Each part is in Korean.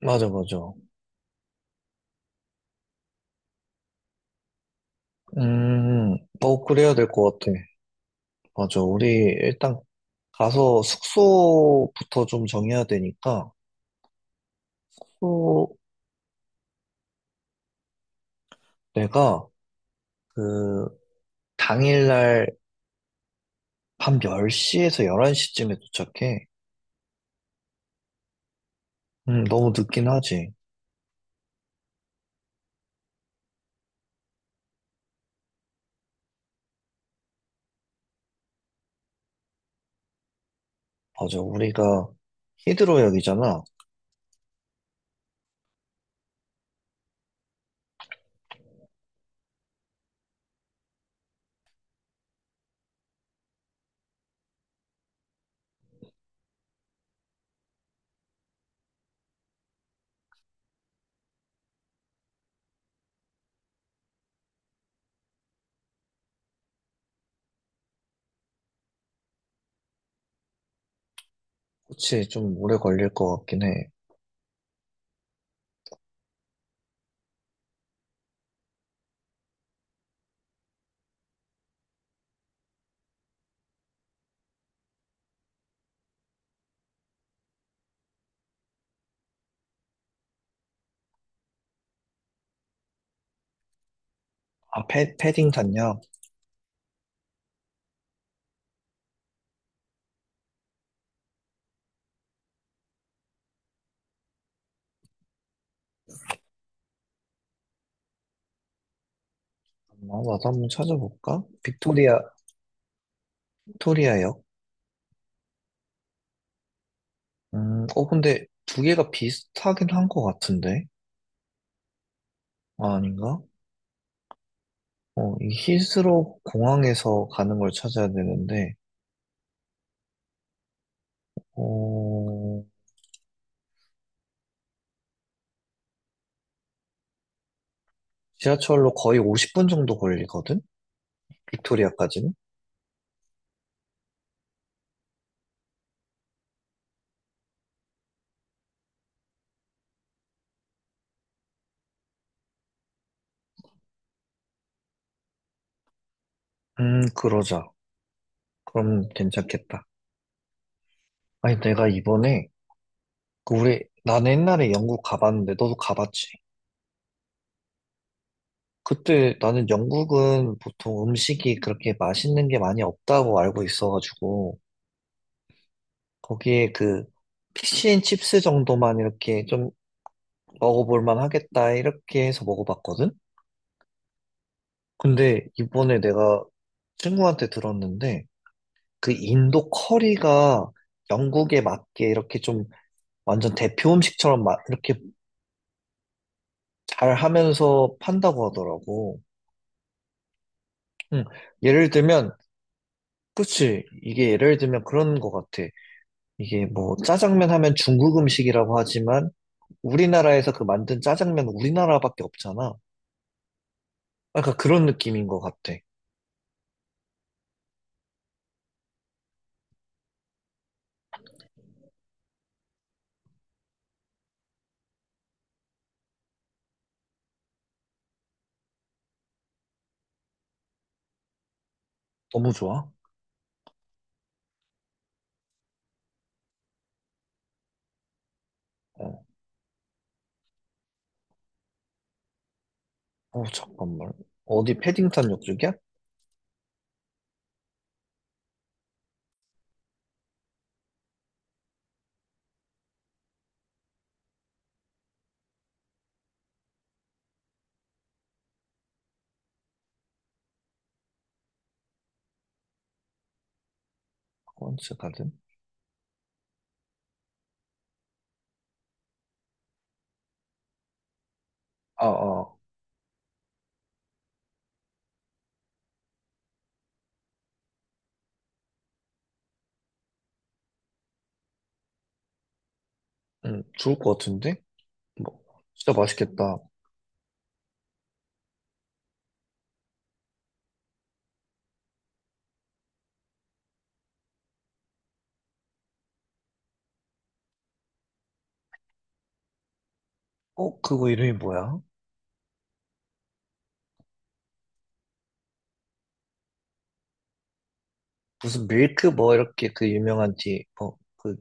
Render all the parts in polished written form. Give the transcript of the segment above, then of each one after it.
맞아, 맞아. 그래야 될 것 같아. 맞아. 우리 일단 가서 숙소부터 좀 정해야 되니까, 숙소 내가 그 당일날 밤 10시에서 11시쯤에 도착해. 너무 늦긴 하지. 맞아. 우리가 히드로역이잖아. 그치, 좀 오래 걸릴 것 같긴 해. 아, 패딩 샀냐? 아, 나도 한번 찾아볼까? 빅토리아, 빅토리아역? 근데 두 개가 비슷하긴 한 것 같은데? 아, 아닌가? 이 히스로 공항에서 가는 걸 찾아야 되는데, 어, 지하철로 거의 50분 정도 걸리거든? 빅토리아까지는? 그러자. 그럼 괜찮겠다. 아니, 내가 이번에, 그 우리, 나는 옛날에 영국 가봤는데, 너도 가봤지? 그때 나는 영국은 보통 음식이 그렇게 맛있는 게 많이 없다고 알고 있어가지고, 거기에 그, 피시앤칩스 정도만 이렇게 좀 먹어볼 만 하겠다, 이렇게 해서 먹어봤거든? 근데 이번에 내가 친구한테 들었는데 그 인도 커리가 영국에 맞게 이렇게 좀 완전 대표 음식처럼 이렇게 잘 하면서 판다고 하더라고. 응. 예를 들면, 그치. 이게 예를 들면 그런 것 같아. 이게 뭐 짜장면 하면 중국 음식이라고 하지만 우리나라에서 그 만든 짜장면 우리나라밖에 없잖아. 약간 그런 느낌인 것 같아. 너무 좋아. 어, 잠깐만. 어디 패딩턴 역쪽이야? 콘츠 가든? 아, 아. 응, 좋을 것 같은데? 뭐, 진짜 맛있겠다. 어, 그거 이름이 뭐야? 무슨 밀크 뭐 이렇게 그 유명한 티,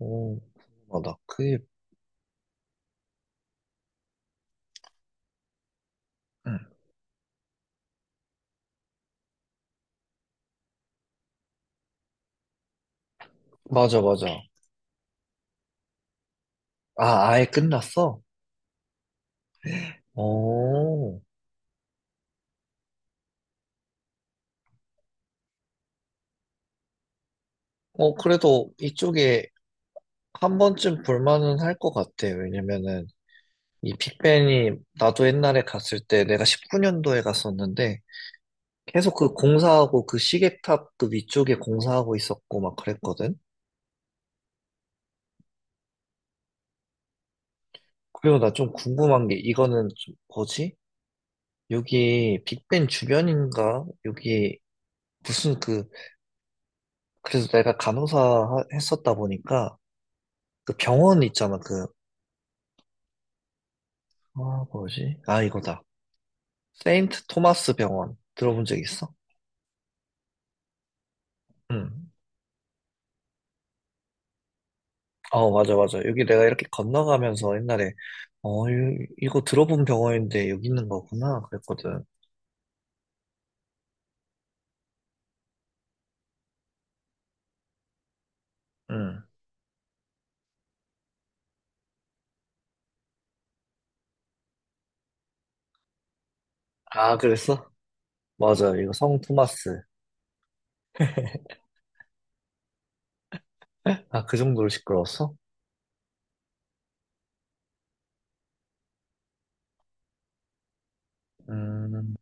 오, 맞아. 그게, 응, 맞아, 맞아. 아, 아예 끝났어? 오, 어, 그래도 이쪽에 한 번쯤 볼만은 할 것 같아. 왜냐면은, 이 빅벤이 나도 옛날에 갔을 때 내가 19년도에 갔었는데, 계속 그 공사하고 그 시계탑 그 위쪽에 공사하고 있었고 막 그랬거든? 그리고 나 좀 궁금한 게 이거는 좀 뭐지? 여기 빅벤 주변인가? 여기 무슨 그 그래서 내가 간호사 했었다 보니까 그 병원 있잖아 그 아 뭐지? 아 이거다. 세인트 토마스 병원 들어본 적 있어? 응. 어 맞아 맞아 여기 내가 이렇게 건너가면서 옛날에 이거 들어본 병원인데 여기 있는 거구나 그랬거든. 응. 아 그랬어? 맞아 이거 성 토마스. 아 그 정도로 시끄러웠어? 음.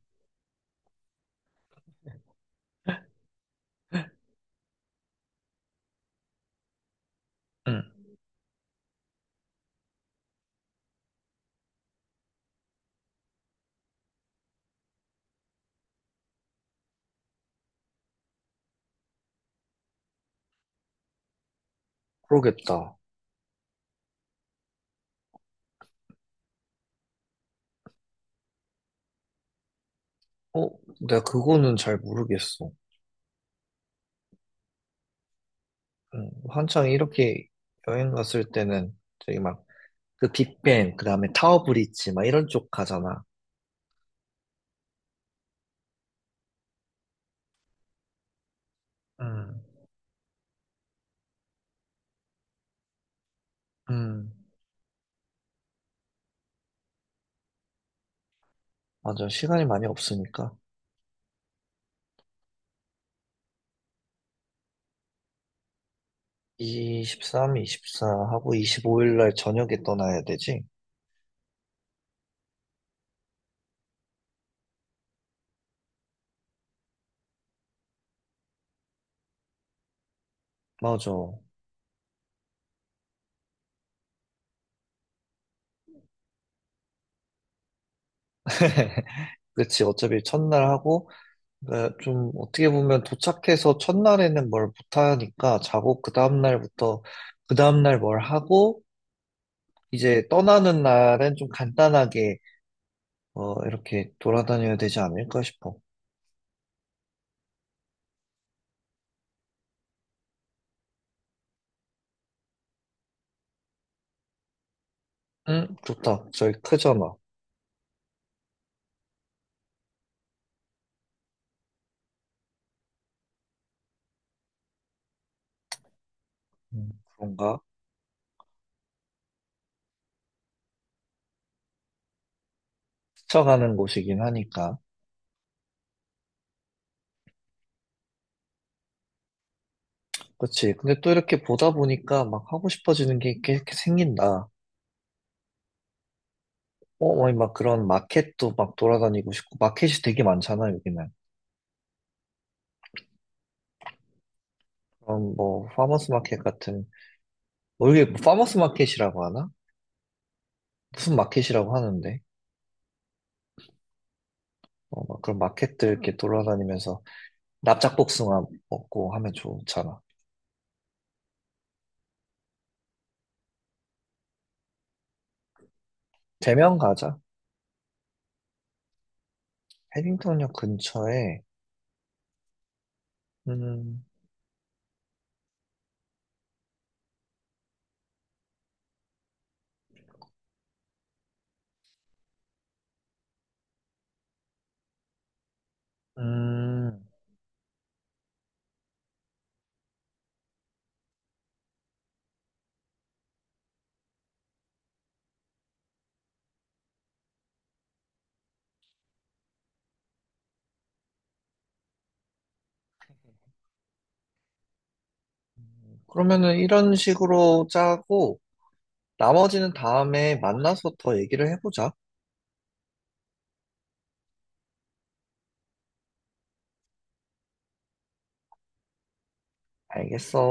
응. 그러겠다. 어, 내가 그거는 잘 모르겠어. 한창 이렇게 여행 갔을 때는 저기 막 그 빅뱅, 그 다음에 타워 브릿지 막 이런 쪽 가잖아. 음, 음, 맞아. 시간이 많이 없으니까. 23, 24 하고 25일 날 저녁에 떠나야 되지? 맞아. 그치. 어차피 첫날 하고, 어, 좀 어떻게 보면 도착해서 첫날에는 뭘 못하니까 자고 그 다음날부터 그 다음날 뭘 하고 이제 떠나는 날엔 좀 간단하게 어, 이렇게 돌아다녀야 되지 않을까 싶어. 응, 좋다. 저희 크잖아. 음, 그런가? 스쳐가는 곳이긴 하니까. 그치. 근데 또 이렇게 보다 보니까 막 하고 싶어지는 게 이렇게, 이렇게 생긴다. 어, 뭐막 그런 마켓도 막 돌아다니고 싶고, 마켓이 되게 많잖아, 여기는. 그럼 뭐, 파머스 마켓 같은, 뭐 이게 뭐 파머스 마켓이라고 하나? 무슨 마켓이라고 하는데? 어, 막 그런 마켓들 이렇게 돌아다니면서 납작복숭아 먹고 하면 좋잖아. 대면 가자. 해빙턴역 근처에, 음, 음, 그러면은 이런 식으로 짜고, 나머지는 다음에 만나서 더 얘기를 해보자. 알겠어.